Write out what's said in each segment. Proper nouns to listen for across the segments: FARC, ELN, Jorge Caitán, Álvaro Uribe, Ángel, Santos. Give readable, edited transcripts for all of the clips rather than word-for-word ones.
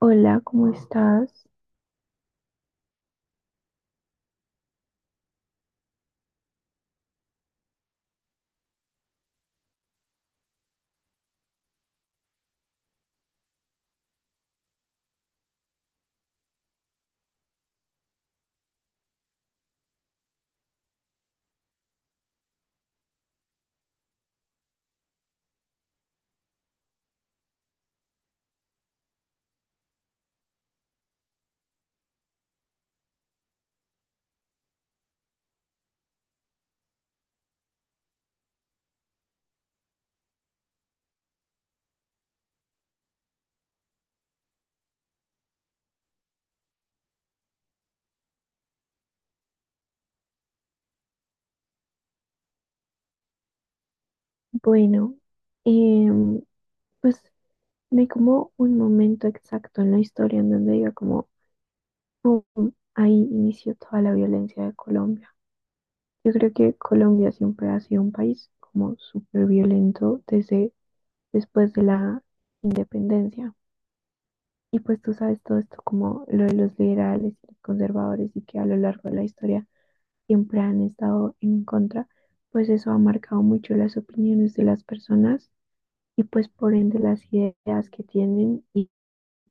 Hola, ¿cómo estás? Bueno, em, pues no hay como un momento exacto en la historia en donde diga como pum, ahí inició toda la violencia de Colombia. Yo creo que Colombia siempre ha sido un país como súper violento desde después de la independencia. Y pues tú sabes todo esto como lo de los liberales y los conservadores y que a lo largo de la historia siempre han estado en contra, pues eso ha marcado mucho las opiniones de las personas y pues por ende las ideas que tienen y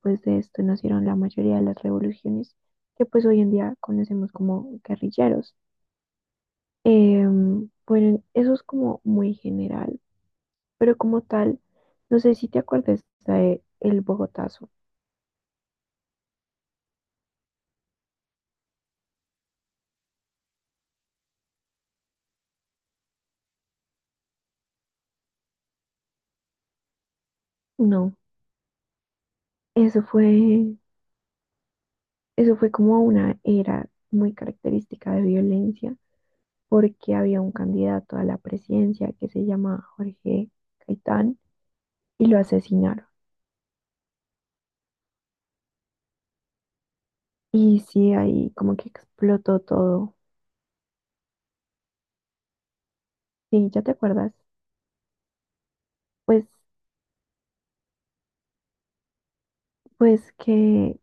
pues de esto nacieron la mayoría de las revoluciones que pues hoy en día conocemos como guerrilleros. Eh, bueno, eso es como muy general, pero como tal, no sé si te acuerdas de el Bogotazo. No, eso fue, eso fue como una era muy característica de violencia porque había un candidato a la presidencia que se llama Jorge Caitán y lo asesinaron. Y sí, ahí como que explotó todo. Sí, ¿ya te acuerdas? Pues, pues que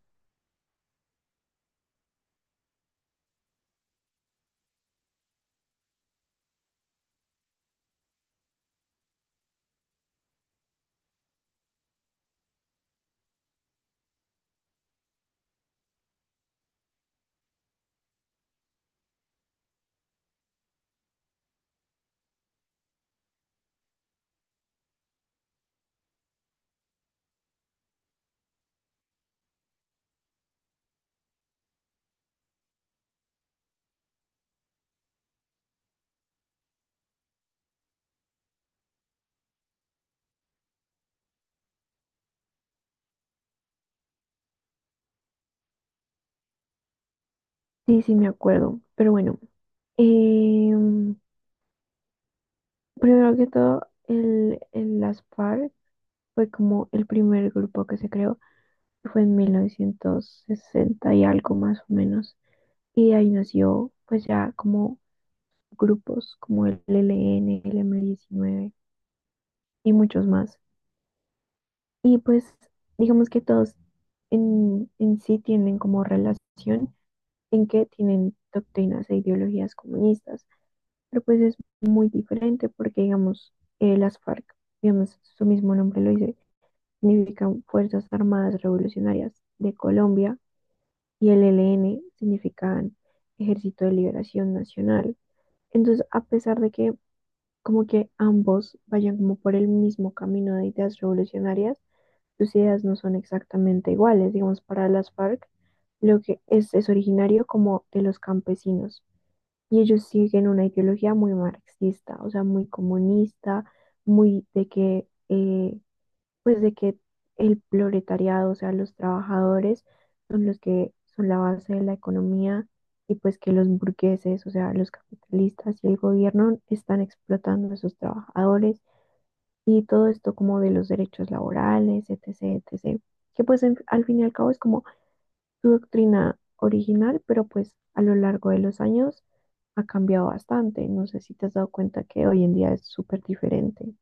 sí, sí me acuerdo. Pero bueno, em, primero que todo, el Las FARC fue como el primer grupo que se creó, que fue en 1960 y algo más o menos. Y de ahí nació pues ya como grupos como el ELN, el M-19 y muchos más. Y pues digamos que todos en sí tienen como relación en que tienen doctrinas e ideologías comunistas, pero pues es muy diferente porque, digamos, las FARC, digamos, su mismo nombre lo dice, significan Fuerzas Armadas Revolucionarias de Colombia y el ELN significan Ejército de Liberación Nacional. Entonces, a pesar de que como que ambos vayan como por el mismo camino de ideas revolucionarias, sus ideas no son exactamente iguales. Digamos, para las FARC, lo que es originario como de los campesinos, y ellos siguen una ideología muy marxista, o sea, muy comunista, muy de que, pues de que el proletariado, o sea, los trabajadores son los que son la base de la economía y pues que los burgueses, o sea, los capitalistas y el gobierno están explotando a sus trabajadores y todo esto como de los derechos laborales, etcétera, etcétera, que pues en- al fin y al cabo es como su doctrina original, pero pues a lo largo de los años ha cambiado bastante. No sé si te has dado cuenta que hoy en día es súper diferente.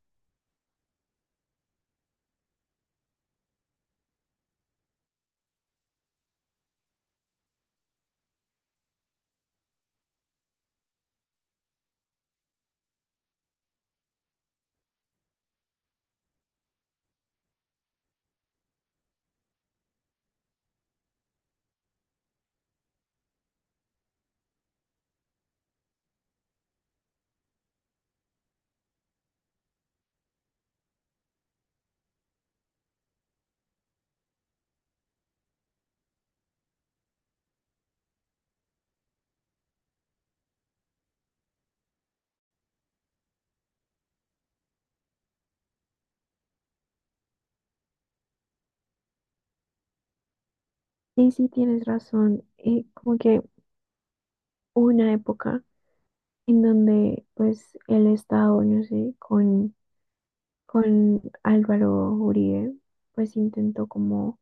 Sí, sí, tienes razón. Como que hubo una época en donde pues el Estado, no sé, con Álvaro Uribe, pues intentó como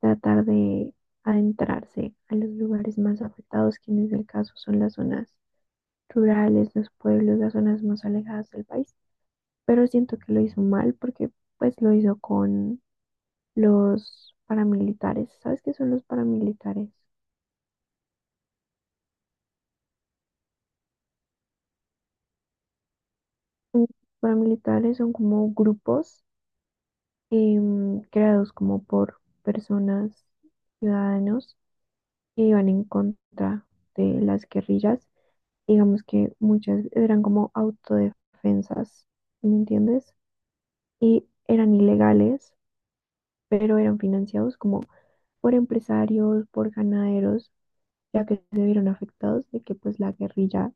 tratar de adentrarse a los lugares más afectados, que en el caso son las zonas rurales, los pueblos, las zonas más alejadas del país. Pero siento que lo hizo mal porque pues lo hizo con los paramilitares. ¿Sabes qué son los paramilitares? Mm, paramilitares son como grupos creados como por personas, ciudadanos, que iban en contra de las guerrillas. Digamos que muchas eran como autodefensas, ¿me entiendes? Y eran ilegales, pero eran financiados como por empresarios, por ganaderos ya que se vieron afectados de que pues la guerrilla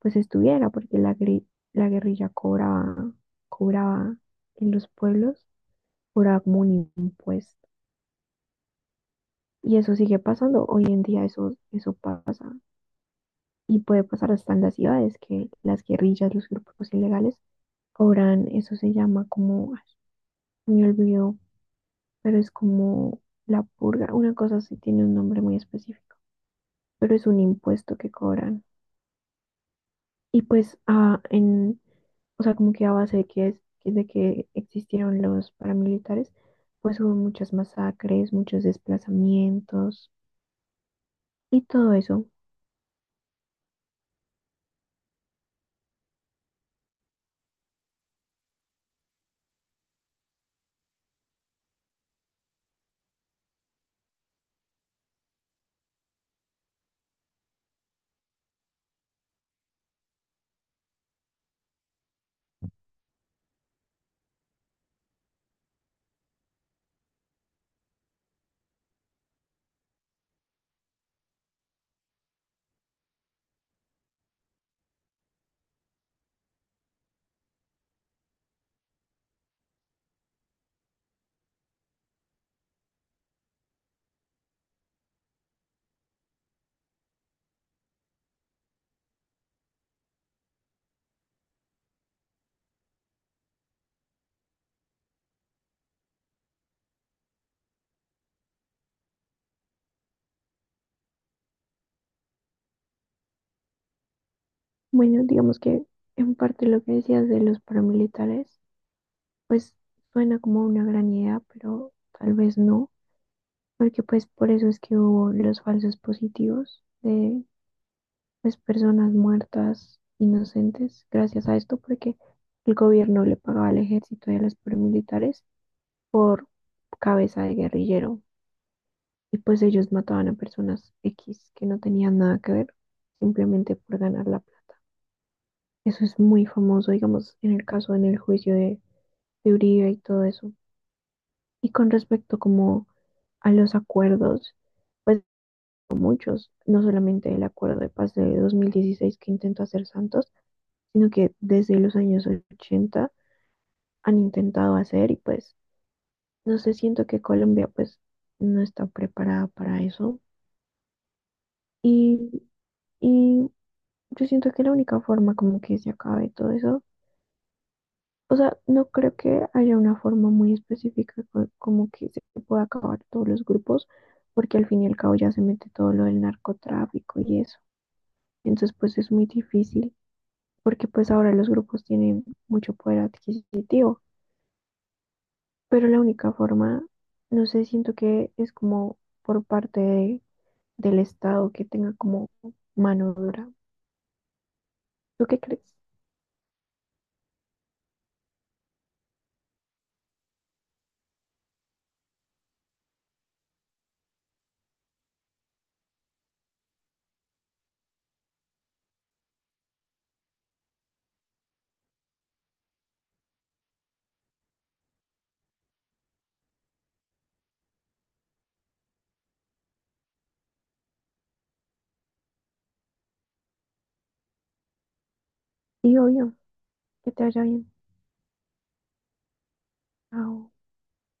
pues estuviera, porque la, gri- la guerrilla cobraba, cobraba en los pueblos, cobraba como un impuesto. Y eso sigue pasando, hoy en día eso, eso pasa y puede pasar hasta en las ciudades, que las guerrillas, los grupos ilegales cobran, eso se llama como, ay, me olvidó, pero es como la purga, una cosa así tiene un nombre muy específico, pero es un impuesto que cobran. Y pues, o sea, como que a base de que, de que existieron los paramilitares, pues hubo muchas masacres, muchos desplazamientos y todo eso. Bueno, digamos que en parte lo que decías de los paramilitares, pues suena como una gran idea, pero tal vez no, porque pues por eso es que hubo los falsos positivos de pues personas muertas inocentes gracias a esto, porque el gobierno le pagaba al ejército y a los paramilitares por cabeza de guerrillero. Y pues ellos mataban a personas X que no tenían nada que ver, simplemente por ganar la plata. Eso es muy famoso, digamos, en el caso, en el juicio de Uribe y todo eso. Y con respecto como a los acuerdos, pues muchos, no solamente el acuerdo de paz de 2016 que intentó hacer Santos, sino que desde los años 80 han intentado hacer y pues no sé, siento que Colombia pues no está preparada para eso. Y, y yo siento que la única forma como que se acabe todo eso, o sea, no creo que haya una forma muy específica co- como que se pueda acabar todos los grupos, porque al fin y al cabo ya se mete todo lo del narcotráfico y eso. Entonces, pues es muy difícil, porque pues ahora los grupos tienen mucho poder adquisitivo, pero la única forma, no sé, siento que es como por parte de- del Estado que tenga como mano dura. ¿Tú qué crees? Y obvio, que te vaya bien. Ah,